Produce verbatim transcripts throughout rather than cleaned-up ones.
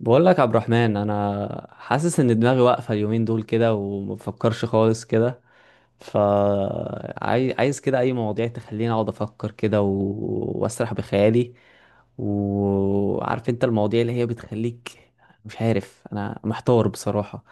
بقول لك يا عبد الرحمن، انا حاسس ان دماغي واقفه اليومين دول كده ومفكرش خالص كده. فعايز عايز كده اي مواضيع تخليني اقعد افكر كده و... واسرح بخيالي وعارف انت المواضيع اللي هي بتخليك. مش عارف انا محتار بصراحه.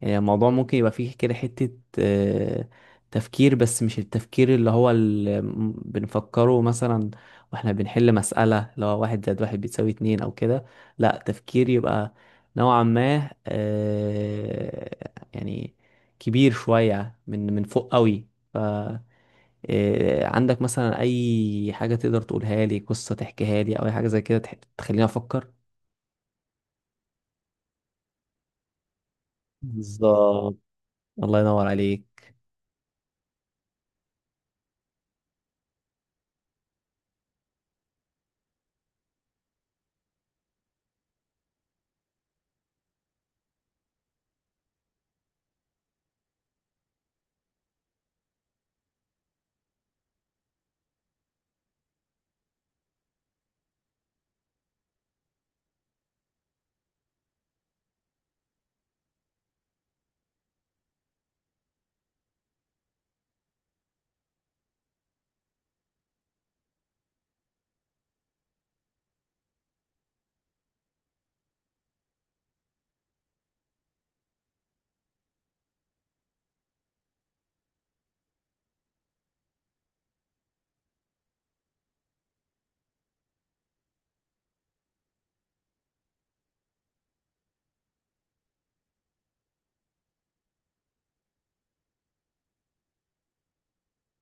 يعني الموضوع ممكن يبقى فيه كده حته آه، تفكير، بس مش التفكير اللي هو اللي بنفكره مثلا واحنا بنحل مساله، لو واحد زائد واحد بيساوي اتنين او كده. لا، تفكير يبقى نوعا ما، آه، يعني كبير شوية من من فوق قوي. ف آه، عندك مثلا أي حاجة تقدر تقولها لي، قصة تحكيها لي أو أي حاجة زي كده تح- تخليني أفكر. بالظبط، الله ينور عليك.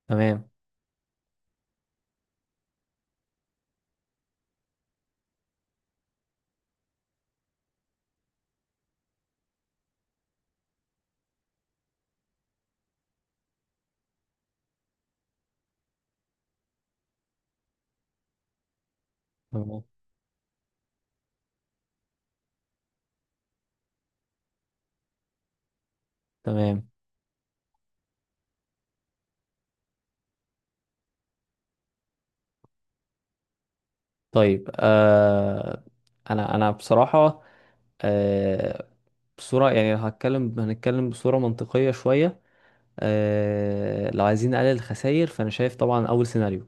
تمام. تمام. تمام. طيب آه، أنا أنا بصراحة، آه بصورة يعني، لو هتكلم هنتكلم بصورة منطقية شوية. آه، لو عايزين نقلل الخسائر، فانا شايف طبعا اول سيناريو،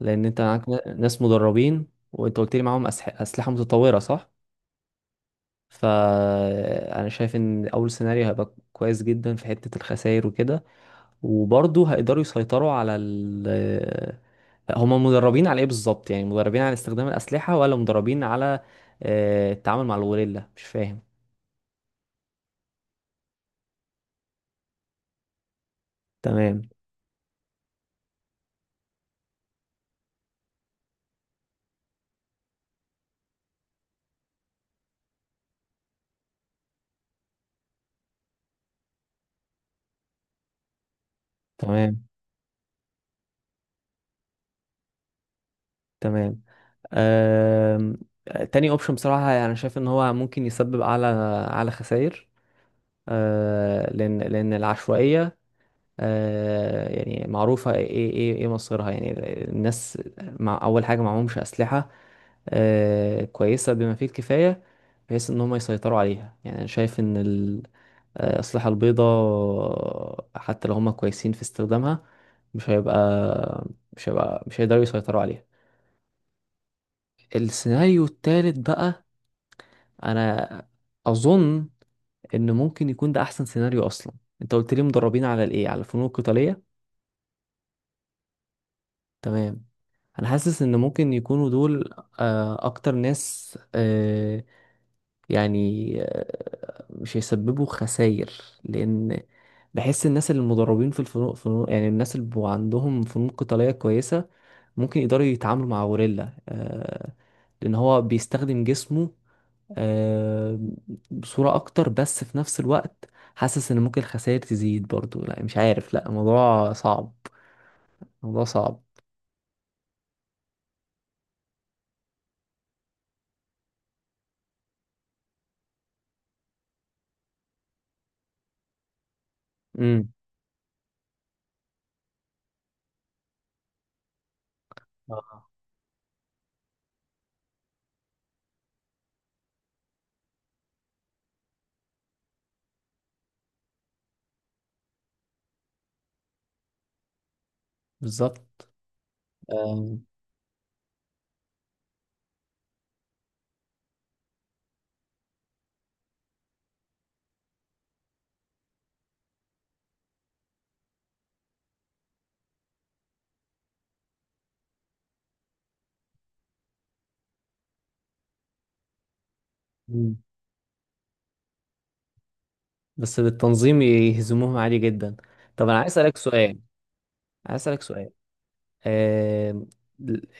لان انت معاك ن- ناس مدربين، وانت قلت لي معاهم أسح- اسلحه متطوره، صح؟ فانا شايف ان اول سيناريو هيبقى كويس جدا في حته الخسائر وكده، وبرضه هيقدروا يسيطروا على ال، هما مدربين على ايه بالظبط؟ يعني مدربين على استخدام الاسلحه، ولا مدربين على آه، التعامل مع الغوريلا؟ مش فاهم. تمام. تمام. تمام. آم، تاني اوبشن بصراحة يعني شايف ان هو ممكن يسبب اعلى اعلى خسائر، آه، لان لان العشوائية آه، يعني معروفة ايه ايه ايه إيه مصيرها يعني. الناس، مع اول حاجة معهمش اسلحة آه، كويسة بما فيه الكفاية بحيث ان هم يسيطروا عليها. يعني انا شايف ان ال- آه، الأسلحة البيضاء، حتى لو هم كويسين في استخدامها، مش هيبقى مش هيبقى مش هيقدروا يسيطروا عليها. السيناريو التالت بقى، انا اظن ان ممكن يكون ده احسن سيناريو اصلا. انت قلت لي مدربين على الايه؟ على الفنون القتاليه؟ تمام. انا حاسس ان ممكن يكونوا دول آه، اكتر ناس، آه، يعني آه، مش هيسببوا خسائر، لان بحس الناس اللي مدربين في الفنون فنون، يعني الناس اللي بيبقوا عندهم فنون قتاليه كويسه، ممكن يقدروا يتعاملوا مع غوريلا، آه، لان هو بيستخدم جسمه آه، بصورة أكتر. بس في نفس الوقت حاسس إن ممكن الخسائر تزيد برضو. لا، مش عارف، لا الموضوع صعب، الموضوع صعب. امم. آه. بالظبط. آه، مم. بس بالتنظيم يهزموهم عادي جدا. طب أنا عايز أسألك سؤال، عايز أسألك سؤال. آه،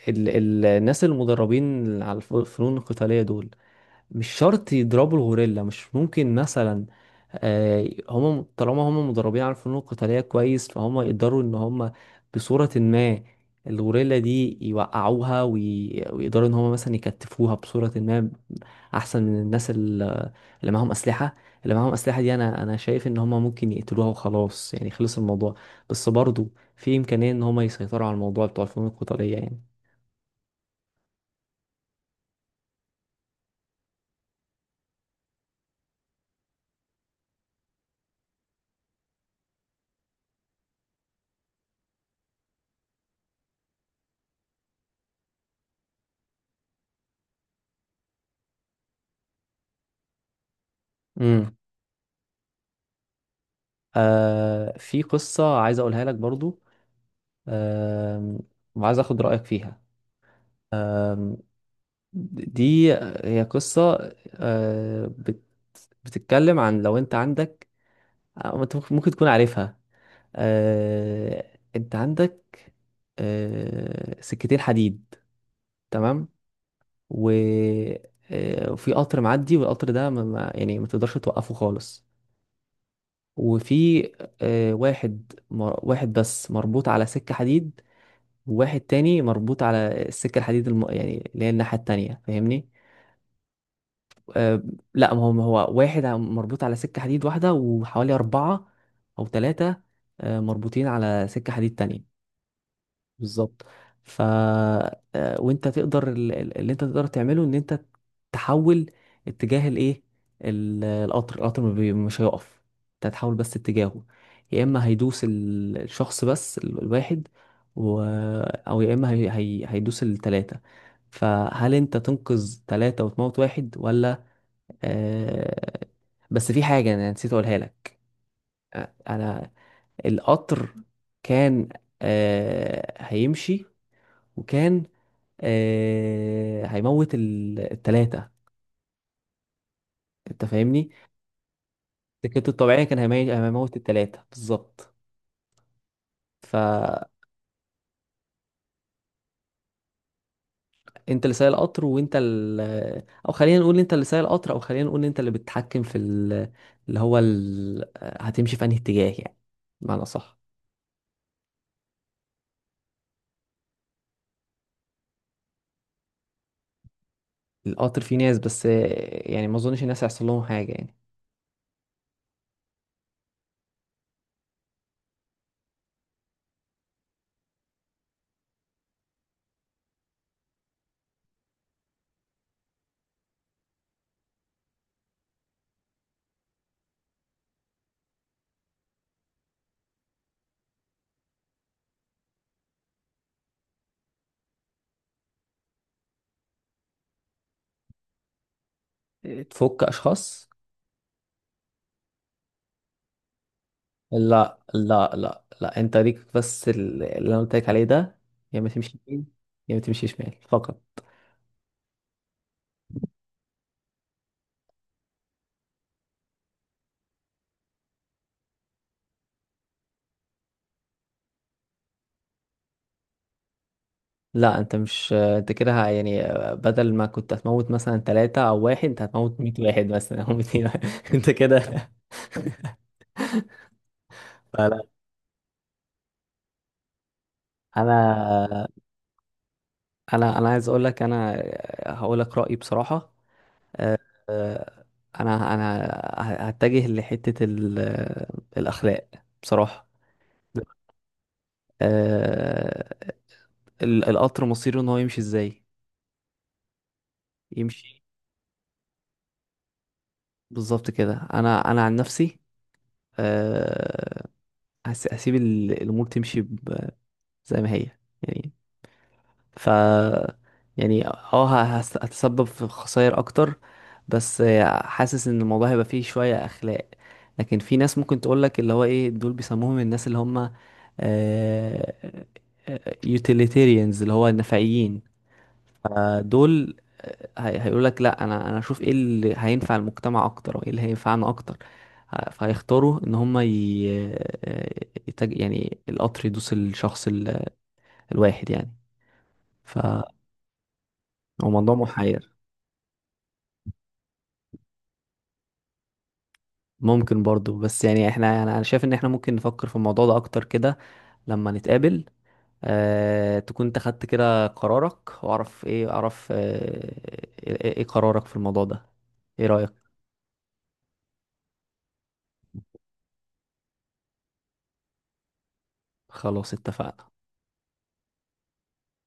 ال ال الناس المدربين على الف- الفنون القتالية دول، مش شرط يضربوا الغوريلا. مش ممكن مثلا آه، هم طالما هم مدربين على الفنون القتالية كويس، فهم يقدروا ان هم بصورة ما الغوريلا دي يوقعوها وي- ويقدروا ان هم مثلا يكتفوها بصورة ما، احسن من الناس ال- اللي معاهم اسلحة. اللي معاهم اسلحة دي، انا انا شايف ان هم ممكن يقتلوها وخلاص، يعني خلص الموضوع. بس برضو في امكانية ان هم يسيطروا على الموضوع بتوع الفنون القتالية يعني. امم. آه، في قصة عايز اقولها لك برضو. آم، وعايز اخد رأيك فيها. آم، دي هي قصة آه، بت- بتتكلم عن لو انت عندك، أو انت ممكن ممكن تكون عارفها. آه، انت عندك آه، سكتين حديد، تمام؟ و آه، وفي قطر معدي، والقطر ده ما ما- يعني ما تقدرش توقفه خالص. وفي آه، واحد مر- واحد بس مربوط على سكة حديد، وواحد تاني مربوط على السكة الحديد الم... يعني اللي هي الناحية التانية، فاهمني؟ أه. لا، ما هو ما هو واحد مربوط على سكة حديد واحدة، وحوالي أربعة أو ثلاثة مربوطين على سكة حديد تانية. بالظبط. ف آه، وانت تقدر ال- ال- اللي انت تقدر تعمله، ان انت تحول اتجاه الايه، ال- القطر القطر ما بي- مش هيقف، انت هتحول بس اتجاهه. يا اما هيدوس ال- الشخص بس ال- الواحد و... او يا اما هي... هي... هيدوس التلاتة. فهل انت تنقذ تلاتة وتموت واحد، ولا آه... بس في حاجة انا نسيت اقولها لك، آه، انا القطر كان آه... هيمشي، وكان آه هيموت ال- التلاتة، انت فاهمني؟ سكته الطبيعية كان هيمي- هيموت التلاتة بالظبط. فانت اللي سايق القطر، وانت ال... او خلينا نقول انت اللي سايق القطر، او خلينا نقول انت اللي بتتحكم في ال... اللي هو ال... هتمشي في انهي اتجاه يعني، بمعنى صح؟ القطر فيه ناس، بس آه، يعني ما اظنش الناس هيحصل لهم حاجة يعني. تفك اشخاص؟ لا لا لا لا، انت ليك بس ال- اللي انا قلت لك عليه ده، يا ما تمشي يمين، يا ما تمشي شمال فقط. لا انت مش، انت كده ه- يعني، بدل ما كنت هتموت مثلا ثلاثة او واحد، انت هتموت مية واحد مثلا او مئتين واحد. انت كده. فلا، انا انا انا عايز اقول لك، انا هقول لك رأيي بصراحة. اه، انا انا ه- هتجه لحتة ال- الاخلاق بصراحة. اه، ال- القطر مصيره ان هو يمشي ازاي؟ يمشي بالظبط كده. انا انا عن نفسي اه، هس- هسيب ال- الامور تمشي ب- زي ما هي يعني. ف يعني اه ه- هس- هتسبب في خسائر اكتر، بس حاسس ان الموضوع هيبقى فيه شوية اخلاق. لكن في ناس ممكن تقولك اللي هو ايه، دول بيسموهم الناس اللي هم يوتيليتيريانز، اللي هو النفعيين. فدول آه، هي- هيقولك لا، انا انا اشوف ايه اللي هينفع المجتمع اكتر، وايه اللي هينفعنا اكتر. ه- فهيختاروا ان هم ي... آه، يتج... يعني القطر يدوس الشخص ال- الواحد يعني. ف هو موضوع محير. ممكن برضو، بس يعني احنا، انا أنا شايف ان احنا ممكن نفكر في الموضوع ده اكتر كده لما نتقابل، آه، تكون انت خدت كده قرارك، واعرف ايه، اعرف آه، ايه إيه قرارك في الموضوع ده، ايه رأيك. خلاص اتفقنا.